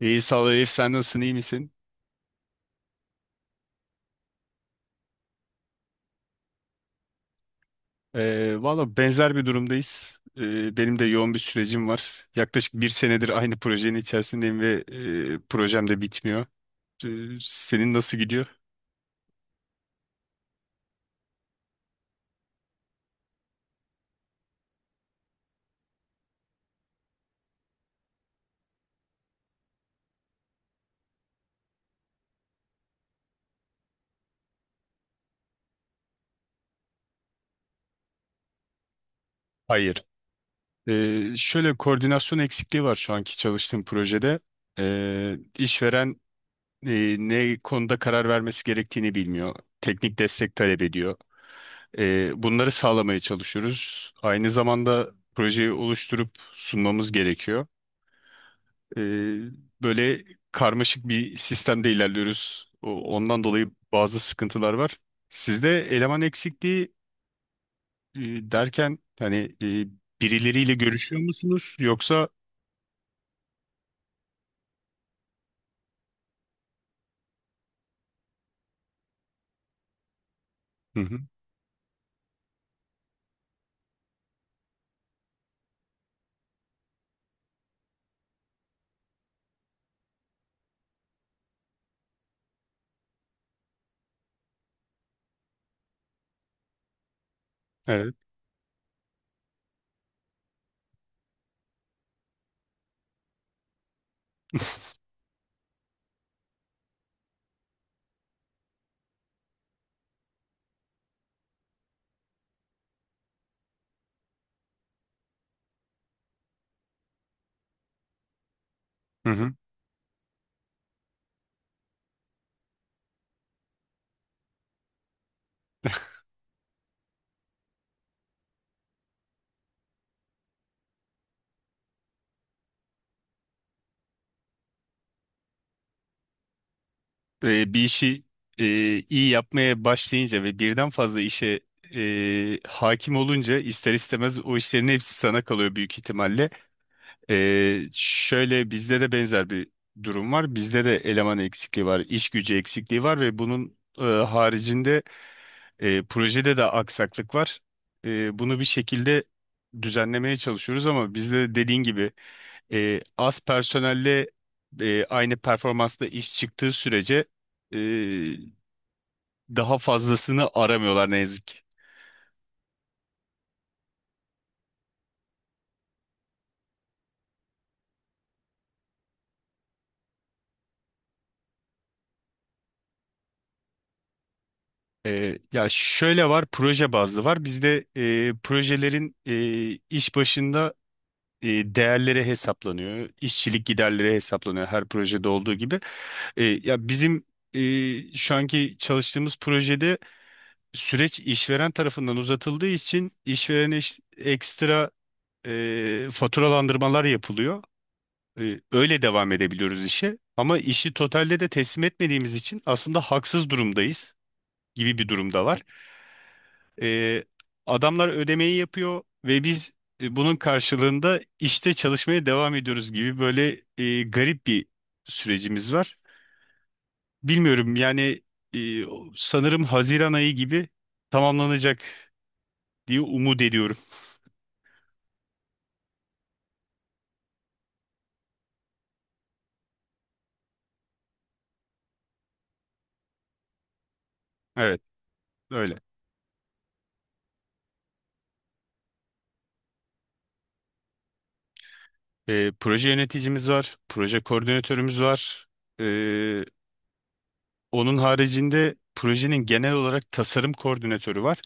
İyi sağ ol Elif, sen nasılsın, iyi misin? Valla benzer bir durumdayız. Benim de yoğun bir sürecim var. Yaklaşık bir senedir aynı projenin içerisindeyim ve projem de bitmiyor. Senin nasıl gidiyor? Hayır. Şöyle koordinasyon eksikliği var şu anki çalıştığım projede. İşveren ne konuda karar vermesi gerektiğini bilmiyor. Teknik destek talep ediyor. Bunları sağlamaya çalışıyoruz. Aynı zamanda projeyi oluşturup sunmamız gerekiyor. E, Böyle karmaşık bir sistemde ilerliyoruz. Ondan dolayı bazı sıkıntılar var. Sizde eleman eksikliği e, derken hani e, birileriyle görüşüyor musunuz yoksa? Hı hı, evet. Hı hı. Bir işi e, iyi yapmaya başlayınca ve birden fazla işe hakim olunca ister istemez o işlerin hepsi sana kalıyor büyük ihtimalle. Şöyle bizde de benzer bir durum var. Bizde de eleman eksikliği var, iş gücü eksikliği var ve bunun haricinde projede de aksaklık var. Bunu bir şekilde düzenlemeye çalışıyoruz ama bizde de dediğin gibi az personelle aynı performansla iş çıktığı sürece daha fazlasını aramıyorlar ne yazık ki. Ya şöyle var, proje bazlı var. Bizde projelerin iş başında e, değerleri hesaplanıyor, işçilik giderleri hesaplanıyor her projede olduğu gibi. Ya bizim şu anki çalıştığımız projede süreç işveren tarafından uzatıldığı için işverene ekstra faturalandırmalar yapılıyor. Öyle devam edebiliyoruz işe. Ama işi totalde de teslim etmediğimiz için aslında haksız durumdayız gibi bir durumda var. E, Adamlar ödemeyi yapıyor ve biz bunun karşılığında işte çalışmaya devam ediyoruz gibi böyle garip bir sürecimiz var. Bilmiyorum yani e, sanırım Haziran ayı gibi tamamlanacak diye umut ediyorum. Evet, öyle. Proje yöneticimiz var, proje koordinatörümüz var. E, Onun haricinde projenin genel olarak tasarım koordinatörü var.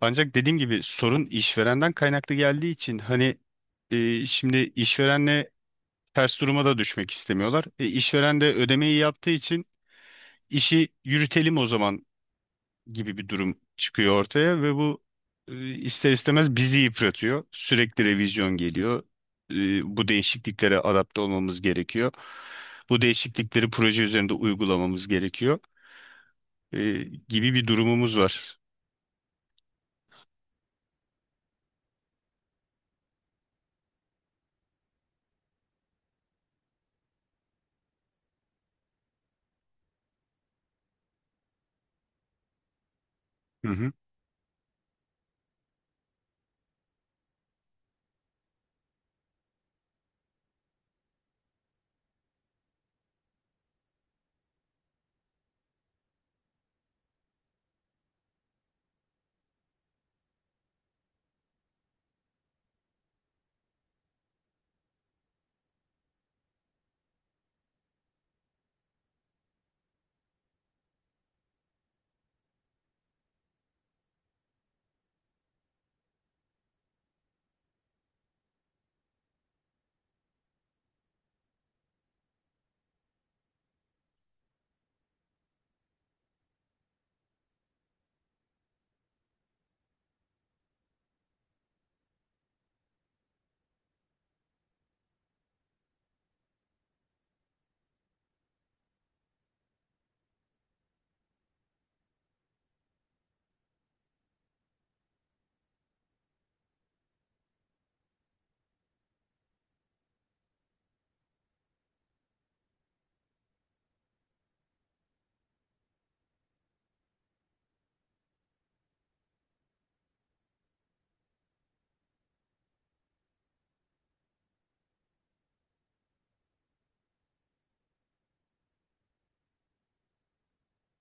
Ancak dediğim gibi sorun işverenden kaynaklı geldiği için hani şimdi işverenle ters duruma da düşmek istemiyorlar. İşveren de ödemeyi yaptığı için işi yürütelim o zaman gibi bir durum çıkıyor ortaya ve bu ister istemez bizi yıpratıyor. Sürekli revizyon geliyor. E, Bu değişikliklere adapte olmamız gerekiyor. Bu değişiklikleri proje üzerinde uygulamamız gerekiyor e, gibi bir durumumuz var. Hı hı.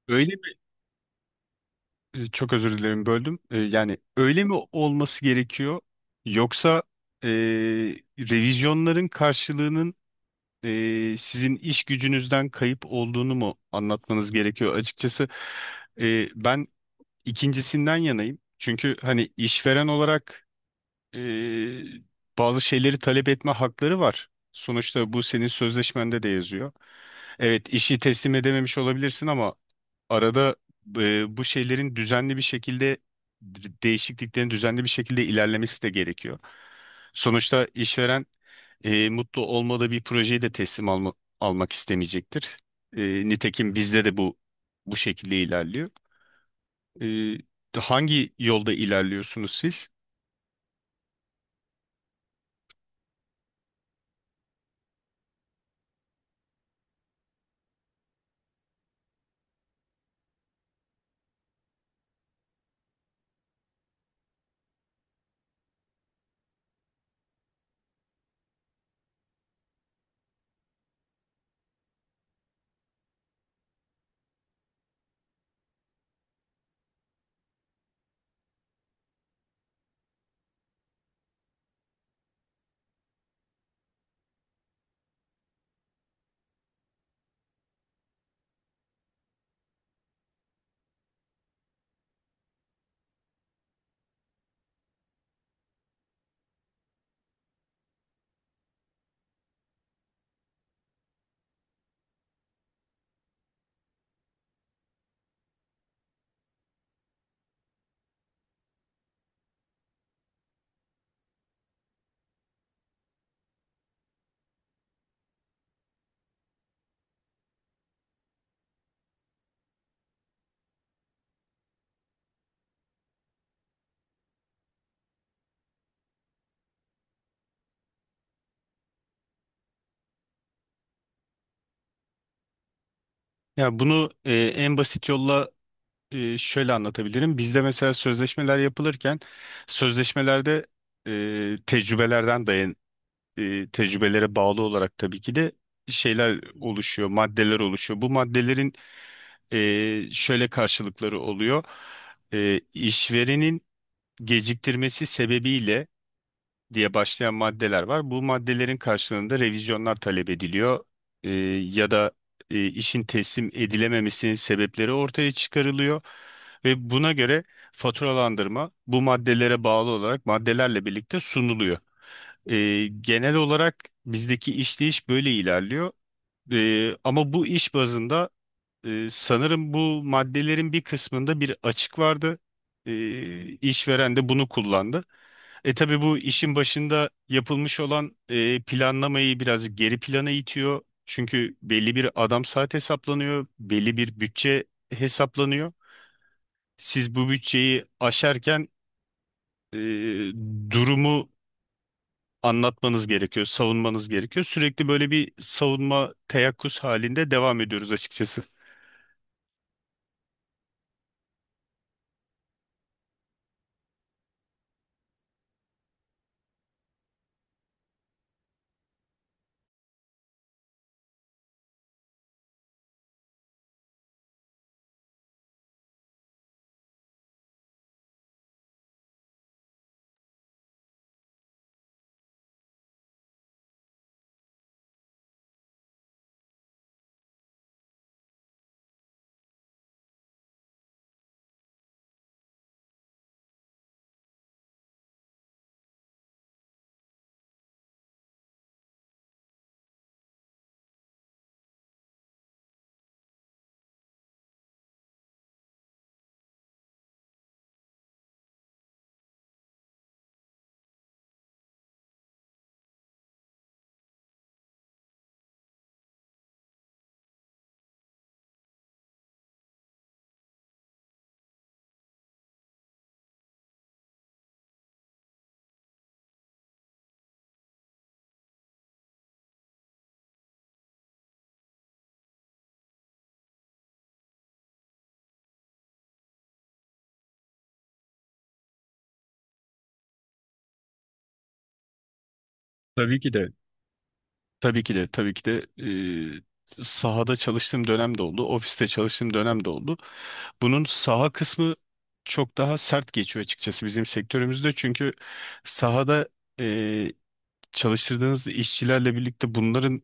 Öyle mi? Çok özür dilerim, böldüm. Yani öyle mi olması gerekiyor yoksa e, revizyonların karşılığının sizin iş gücünüzden kayıp olduğunu mu anlatmanız gerekiyor? Açıkçası ben ikincisinden yanayım. Çünkü hani işveren olarak e, bazı şeyleri talep etme hakları var. Sonuçta bu senin sözleşmende de yazıyor. Evet, işi teslim edememiş olabilirsin ama arada bu şeylerin düzenli bir şekilde değişikliklerin düzenli bir şekilde ilerlemesi de gerekiyor. Sonuçta işveren mutlu olmadığı bir projeyi de almak istemeyecektir. E, Nitekim bizde de bu şekilde ilerliyor. E, Hangi yolda ilerliyorsunuz siz? Ya bunu en basit yolla şöyle anlatabilirim. Bizde mesela sözleşmeler yapılırken sözleşmelerde e, tecrübelerden dayan tecrübelere bağlı olarak tabii ki de şeyler oluşuyor, maddeler oluşuyor. Bu maddelerin şöyle karşılıkları oluyor. İşverenin geciktirmesi sebebiyle diye başlayan maddeler var. Bu maddelerin karşılığında revizyonlar talep ediliyor. Ee, Ya da işin teslim edilememesinin sebepleri ortaya çıkarılıyor ve buna göre faturalandırma bu maddelere bağlı olarak maddelerle birlikte sunuluyor. Genel olarak bizdeki işleyiş böyle ilerliyor. Ama bu iş bazında sanırım bu maddelerin bir kısmında bir açık vardı. İşveren de bunu kullandı. E tabii bu işin başında yapılmış olan planlamayı biraz geri plana itiyor. Çünkü belli bir adam saat hesaplanıyor, belli bir bütçe hesaplanıyor. Siz bu bütçeyi aşarken e, durumu anlatmanız gerekiyor, savunmanız gerekiyor. Sürekli böyle bir savunma teyakkuz halinde devam ediyoruz açıkçası. Tabii ki de. Tabii ki de, tabii ki de sahada çalıştığım dönem de oldu, ofiste çalıştığım dönem de oldu. Bunun saha kısmı çok daha sert geçiyor açıkçası bizim sektörümüzde. Çünkü sahada e, çalıştırdığınız işçilerle birlikte bunların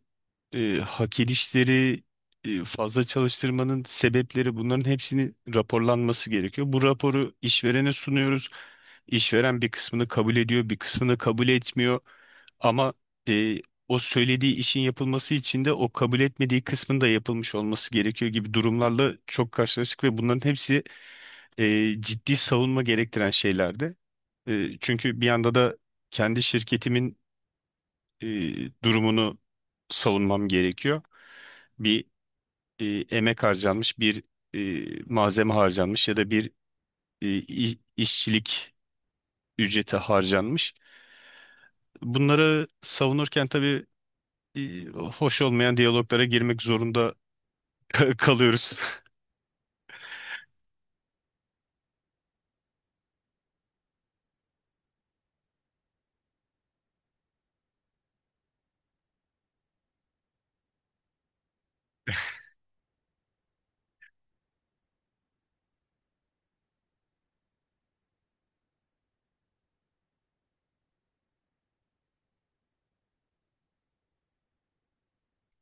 hak edişleri fazla çalıştırmanın sebepleri bunların hepsinin raporlanması gerekiyor. Bu raporu işverene sunuyoruz. İşveren bir kısmını kabul ediyor, bir kısmını kabul etmiyor. Ama e, o söylediği işin yapılması için de o kabul etmediği kısmın da yapılmış olması gerekiyor gibi durumlarla çok karşılaştık ve bunların hepsi ciddi savunma gerektiren şeylerdi. Çünkü bir yanda da kendi şirketimin e, durumunu savunmam gerekiyor, bir e, emek harcanmış, bir malzeme harcanmış ya da bir işçilik ücreti harcanmış. Bunları savunurken tabii hoş olmayan diyaloglara girmek zorunda kalıyoruz.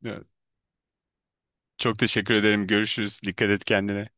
Evet. Çok teşekkür ederim. Görüşürüz. Dikkat et kendine.